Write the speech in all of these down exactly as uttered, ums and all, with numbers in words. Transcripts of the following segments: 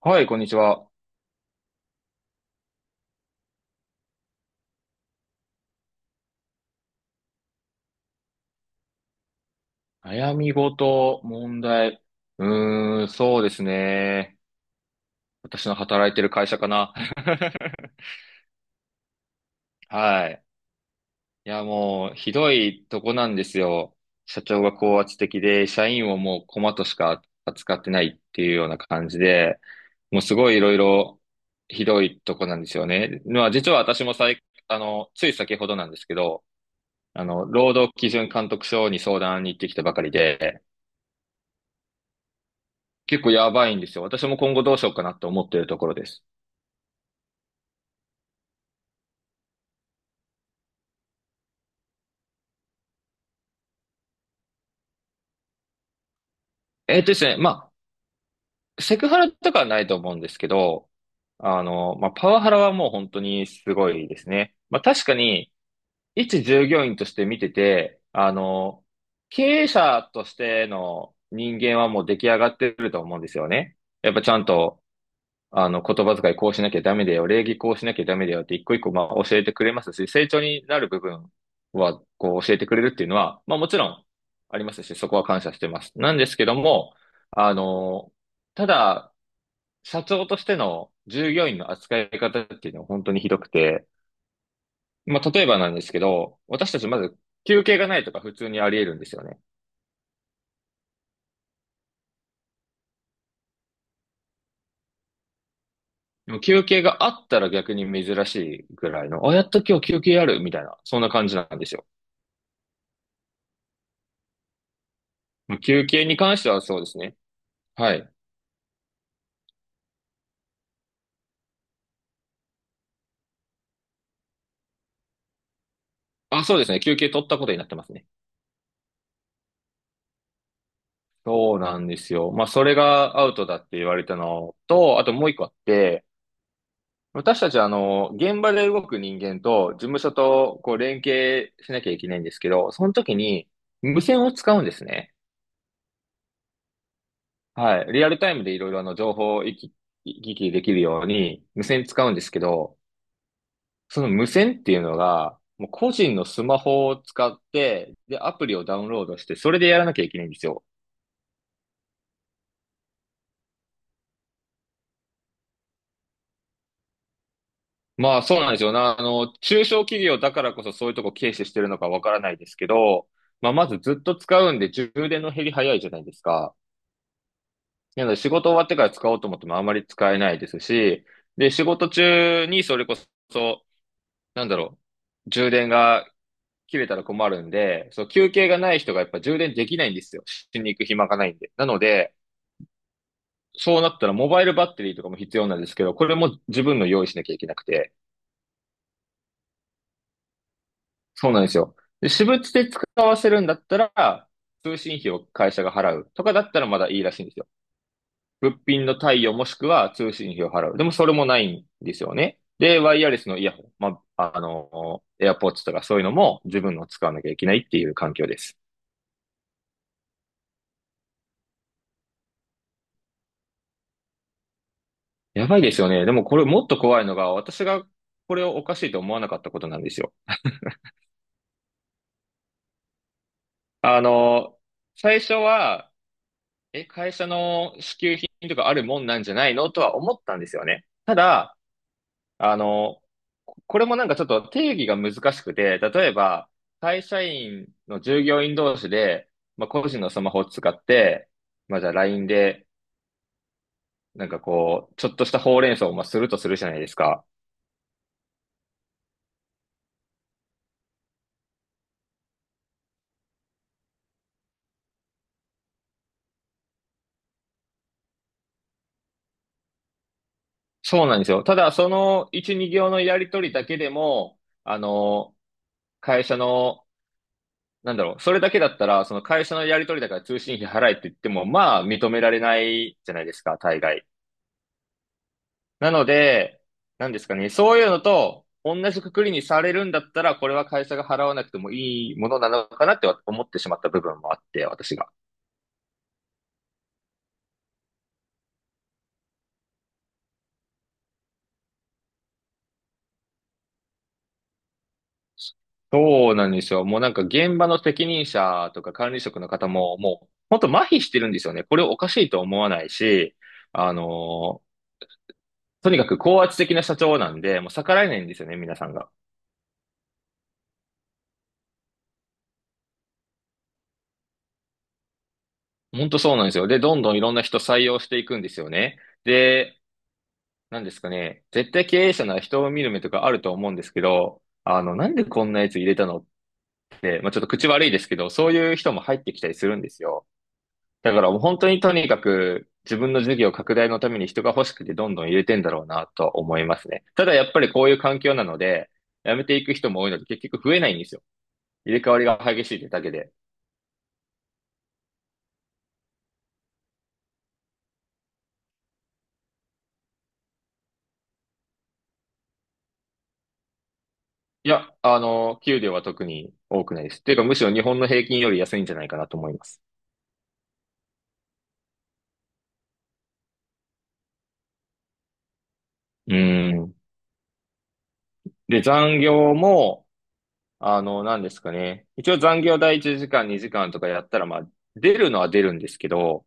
はい、こんにちは。悩み事、問題。うーん、そうですね。私の働いてる会社かな。はい。いや、もう、ひどいとこなんですよ。社長が高圧的で、社員をもうコマとしか扱ってないっていうような感じで、もうすごいいろいろひどいとこなんですよね。まあ、実は私もさい、あの、つい先ほどなんですけど、あの、労働基準監督署に相談に行ってきたばかりで、結構やばいんですよ。私も今後どうしようかなって思ってるところです。えっとですね、まあ、セクハラとかはないと思うんですけど、あの、まあ、パワハラはもう本当にすごいですね。まあ、確かに、一従業員として見てて、あの、経営者としての人間はもう出来上がってると思うんですよね。やっぱちゃんとあの、言葉遣いこうしなきゃダメだよ、礼儀こうしなきゃダメだよって一個一個まあ教えてくれますし、成長になる部分はこう教えてくれるっていうのは、まあもちろんありますし、そこは感謝してます。なんですけども、あの、ただ、社長としての従業員の扱い方っていうのは本当にひどくて、まあ例えばなんですけど、私たちまず休憩がないとか普通にあり得るんですよね。でも休憩があったら逆に珍しいぐらいの、あ、やっと今日休憩あるみたいな、そんな感じなんですよ。まあ休憩に関してはそうですね。はい。あ、そうですね。休憩取ったことになってますね。そうなんですよ。まあ、それがアウトだって言われたのと、あともう一個あって、私たちはあの、現場で動く人間と事務所とこう連携しなきゃいけないんですけど、その時に無線を使うんですね。はい。リアルタイムでいろいろあの情報を行き、行き来できるように無線使うんですけど、その無線っていうのが、もう個人のスマホを使って、で、アプリをダウンロードして、それでやらなきゃいけないんですよ。まあそうなんですよな。あの、中小企業だからこそそういうとこ軽視してるのかわからないですけど、まあまずずっと使うんで充電の減り早いじゃないですか。なので仕事終わってから使おうと思ってもあまり使えないですし、で、仕事中にそれこそ、なんだろう、充電が切れたら困るんで、そう、休憩がない人がやっぱ充電できないんですよ。しに行く暇がないんで。なので、そうなったらモバイルバッテリーとかも必要なんですけど、これも自分の用意しなきゃいけなくて、そうなんですよ。で、私物で使わせるんだったら、通信費を会社が払うとかだったらまだいいらしいんですよ。物品の貸与もしくは通信費を払う。でもそれもないんですよね。で、ワイヤレスのイヤホン、まあ、あの、エアポー d とかそういうのも自分の使わなきゃいけないっていう環境です。やばいですよね。でもこれもっと怖いのが、私がこれをおかしいと思わなかったことなんですよ。あの、最初は、え、会社の支給品とかあるもんなんじゃないのとは思ったんですよね。ただ、あの、ここれもなんかちょっと定義が難しくて、例えば、会社員の従業員同士で、まあ、個人のスマホを使って、まあ、じゃあ ライン で、なんかこう、ちょっとしたほうれん草をまあするとするじゃないですか。そうなんですよ。ただ、そのいち、に行のやりとりだけでも、あの、会社のなんだろう、それだけだったら、その会社のやり取りだから通信費払えって言っても、まあ認められないじゃないですか、大概。なので、なんですかね、そういうのと同じくくりにされるんだったら、これは会社が払わなくてもいいものなのかなって思ってしまった部分もあって、私が。そうなんですよ。もうなんか現場の責任者とか管理職の方も、もう本当麻痺してるんですよね。これをおかしいと思わないし、あのーとにかく高圧的な社長なんで、もう逆らえないんですよね、皆さんが。本当そうなんですよ。で、どんどんいろんな人採用していくんですよね。で、なんですかね。絶対経営者なら人を見る目とかあると思うんですけど、あの、なんでこんなやつ入れたのって、まあ、ちょっと口悪いですけど、そういう人も入ってきたりするんですよ。だからもう本当にとにかく自分の事業拡大のために人が欲しくてどんどん入れてんだろうなとは思いますね。ただやっぱりこういう環境なので、辞めていく人も多いので結局増えないんですよ。入れ替わりが激しいってだけで。いや、あの、給料は特に多くないです。っていうか、むしろ日本の平均より安いんじゃないかなと思います。うん。で、残業も、あの、何ですかね。一応残業だいいちじかん、にじかんとかやったら、まあ、出るのは出るんですけど、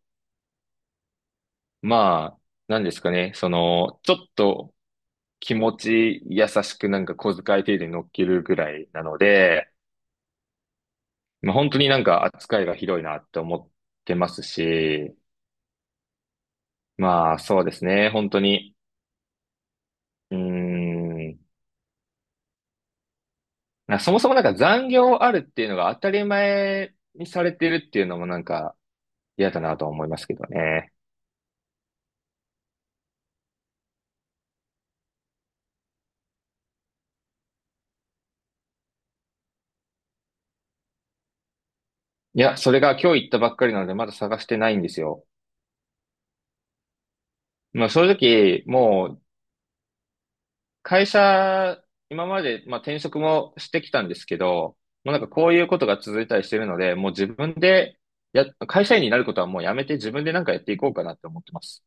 まあ、何ですかね。その、ちょっと気持ち優しくなんか小遣い程度に乗っけるぐらいなので、まあ、本当になんか扱いがひどいなって思ってますし、まあ、そうですね。本当に。うん。なんかそもそもなんか残業あるっていうのが当たり前にされてるっていうのもなんか嫌だなとは思いますけどね。いや、それが今日行ったばっかりなのでまだ探してないんですよ。まあ正直、もう会社、今までまあ転職もしてきたんですけど、もうなんかこういうことが続いたりしてるので、もう自分でや、会社員になることはもうやめて自分でなんかやっていこうかなって思ってます。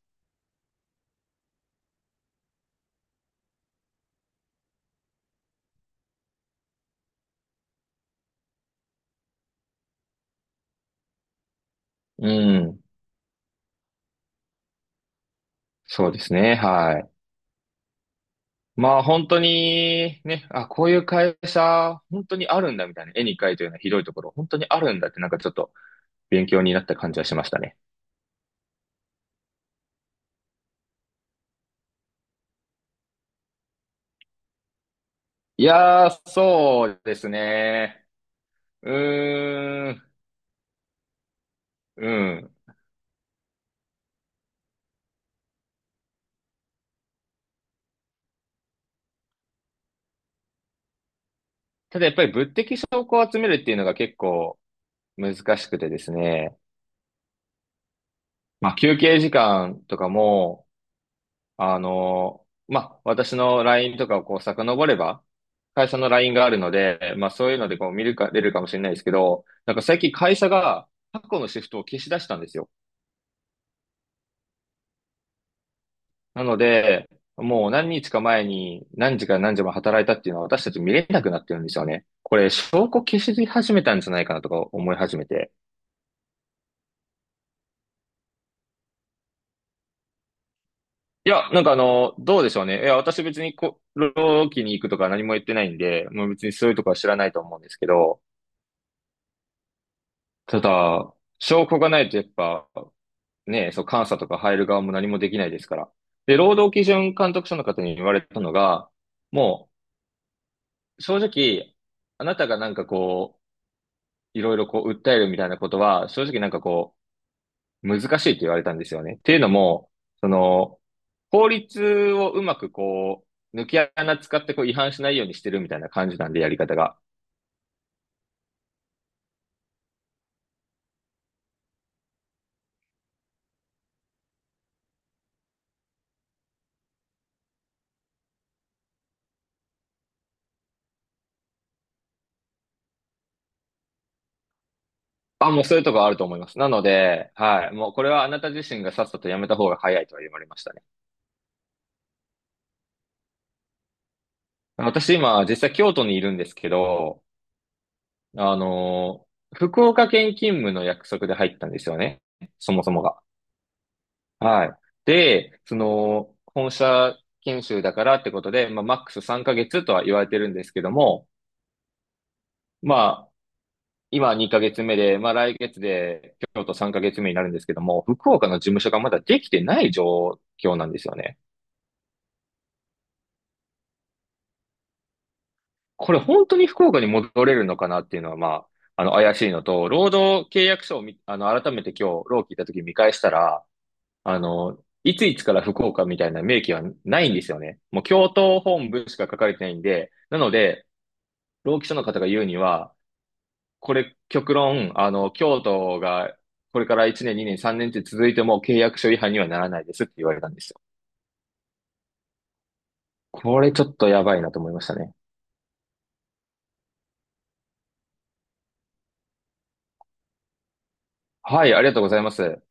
うん。そうですね。はい。まあ本当にね、あ、こういう会社、本当にあるんだみたいな、絵に描いたようなひどいところ、本当にあるんだってなんかちょっと勉強になった感じはしましたね。いやー、そうですね。うーん、うん。ただやっぱり物的証拠を集めるっていうのが結構難しくてですね。まあ休憩時間とかも、あの、まあ、私の ライン とかをこう遡れば、会社の ライン があるので、まあ、そういうのでこう見るか、出るかもしれないですけど、なんか最近会社が過去のシフトを消し出したんですよ。なので、もう何日か前に何時から何時まで働いたっていうのは私たち見れなくなってるんですよね。これ、証拠消し始めたんじゃないかなとか思い始めて。いや、なんかあの、どうでしょうね。いや、私別にこ、労キに行くとか何も言ってないんで、もう別にそういうとこは知らないと思うんですけど、ただ、証拠がないとやっぱ、ね、そう、監査とか入る側も何もできないですから。で、労働基準監督署の方に言われたのが、もう、正直、あなたがなんかこう、いろいろこう、訴えるみたいなことは、正直なんかこう、難しいって言われたんですよね。っていうのも、その、法律をうまくこう、抜け穴使ってこう、違反しないようにしてるみたいな感じなんで、やり方が。あ、もうそういうとこあると思います。なので、はい、もうこれはあなた自身がさっさとやめた方が早いとは言われました。私今、実際京都にいるんですけど、あの福岡県勤務の約束で入ったんですよね。そもそもが。はい。で、その、本社研修だからってことで、まあ、マックスさんかげつとは言われてるんですけども、まあ、今にかげつめで、まあ、来月で京都さんかげつめになるんですけども、福岡の事務所がまだできてない状況なんですよね。これ本当に福岡に戻れるのかなっていうのは、まあ、あの、怪しいのと、労働契約書をみ、あの、改めて今日、労基行った時見返したら、あの、いついつから福岡みたいな明記はないんですよね。もう、京都本部しか書かれてないんで、なので、労基署の方が言うには、これ、極論、あの、京都が、これからいちねん、にねん、さんねんって続いても契約書違反にはならないですって言われたんですよ。これちょっとやばいなと思いましたね。はい、ありがとうございます。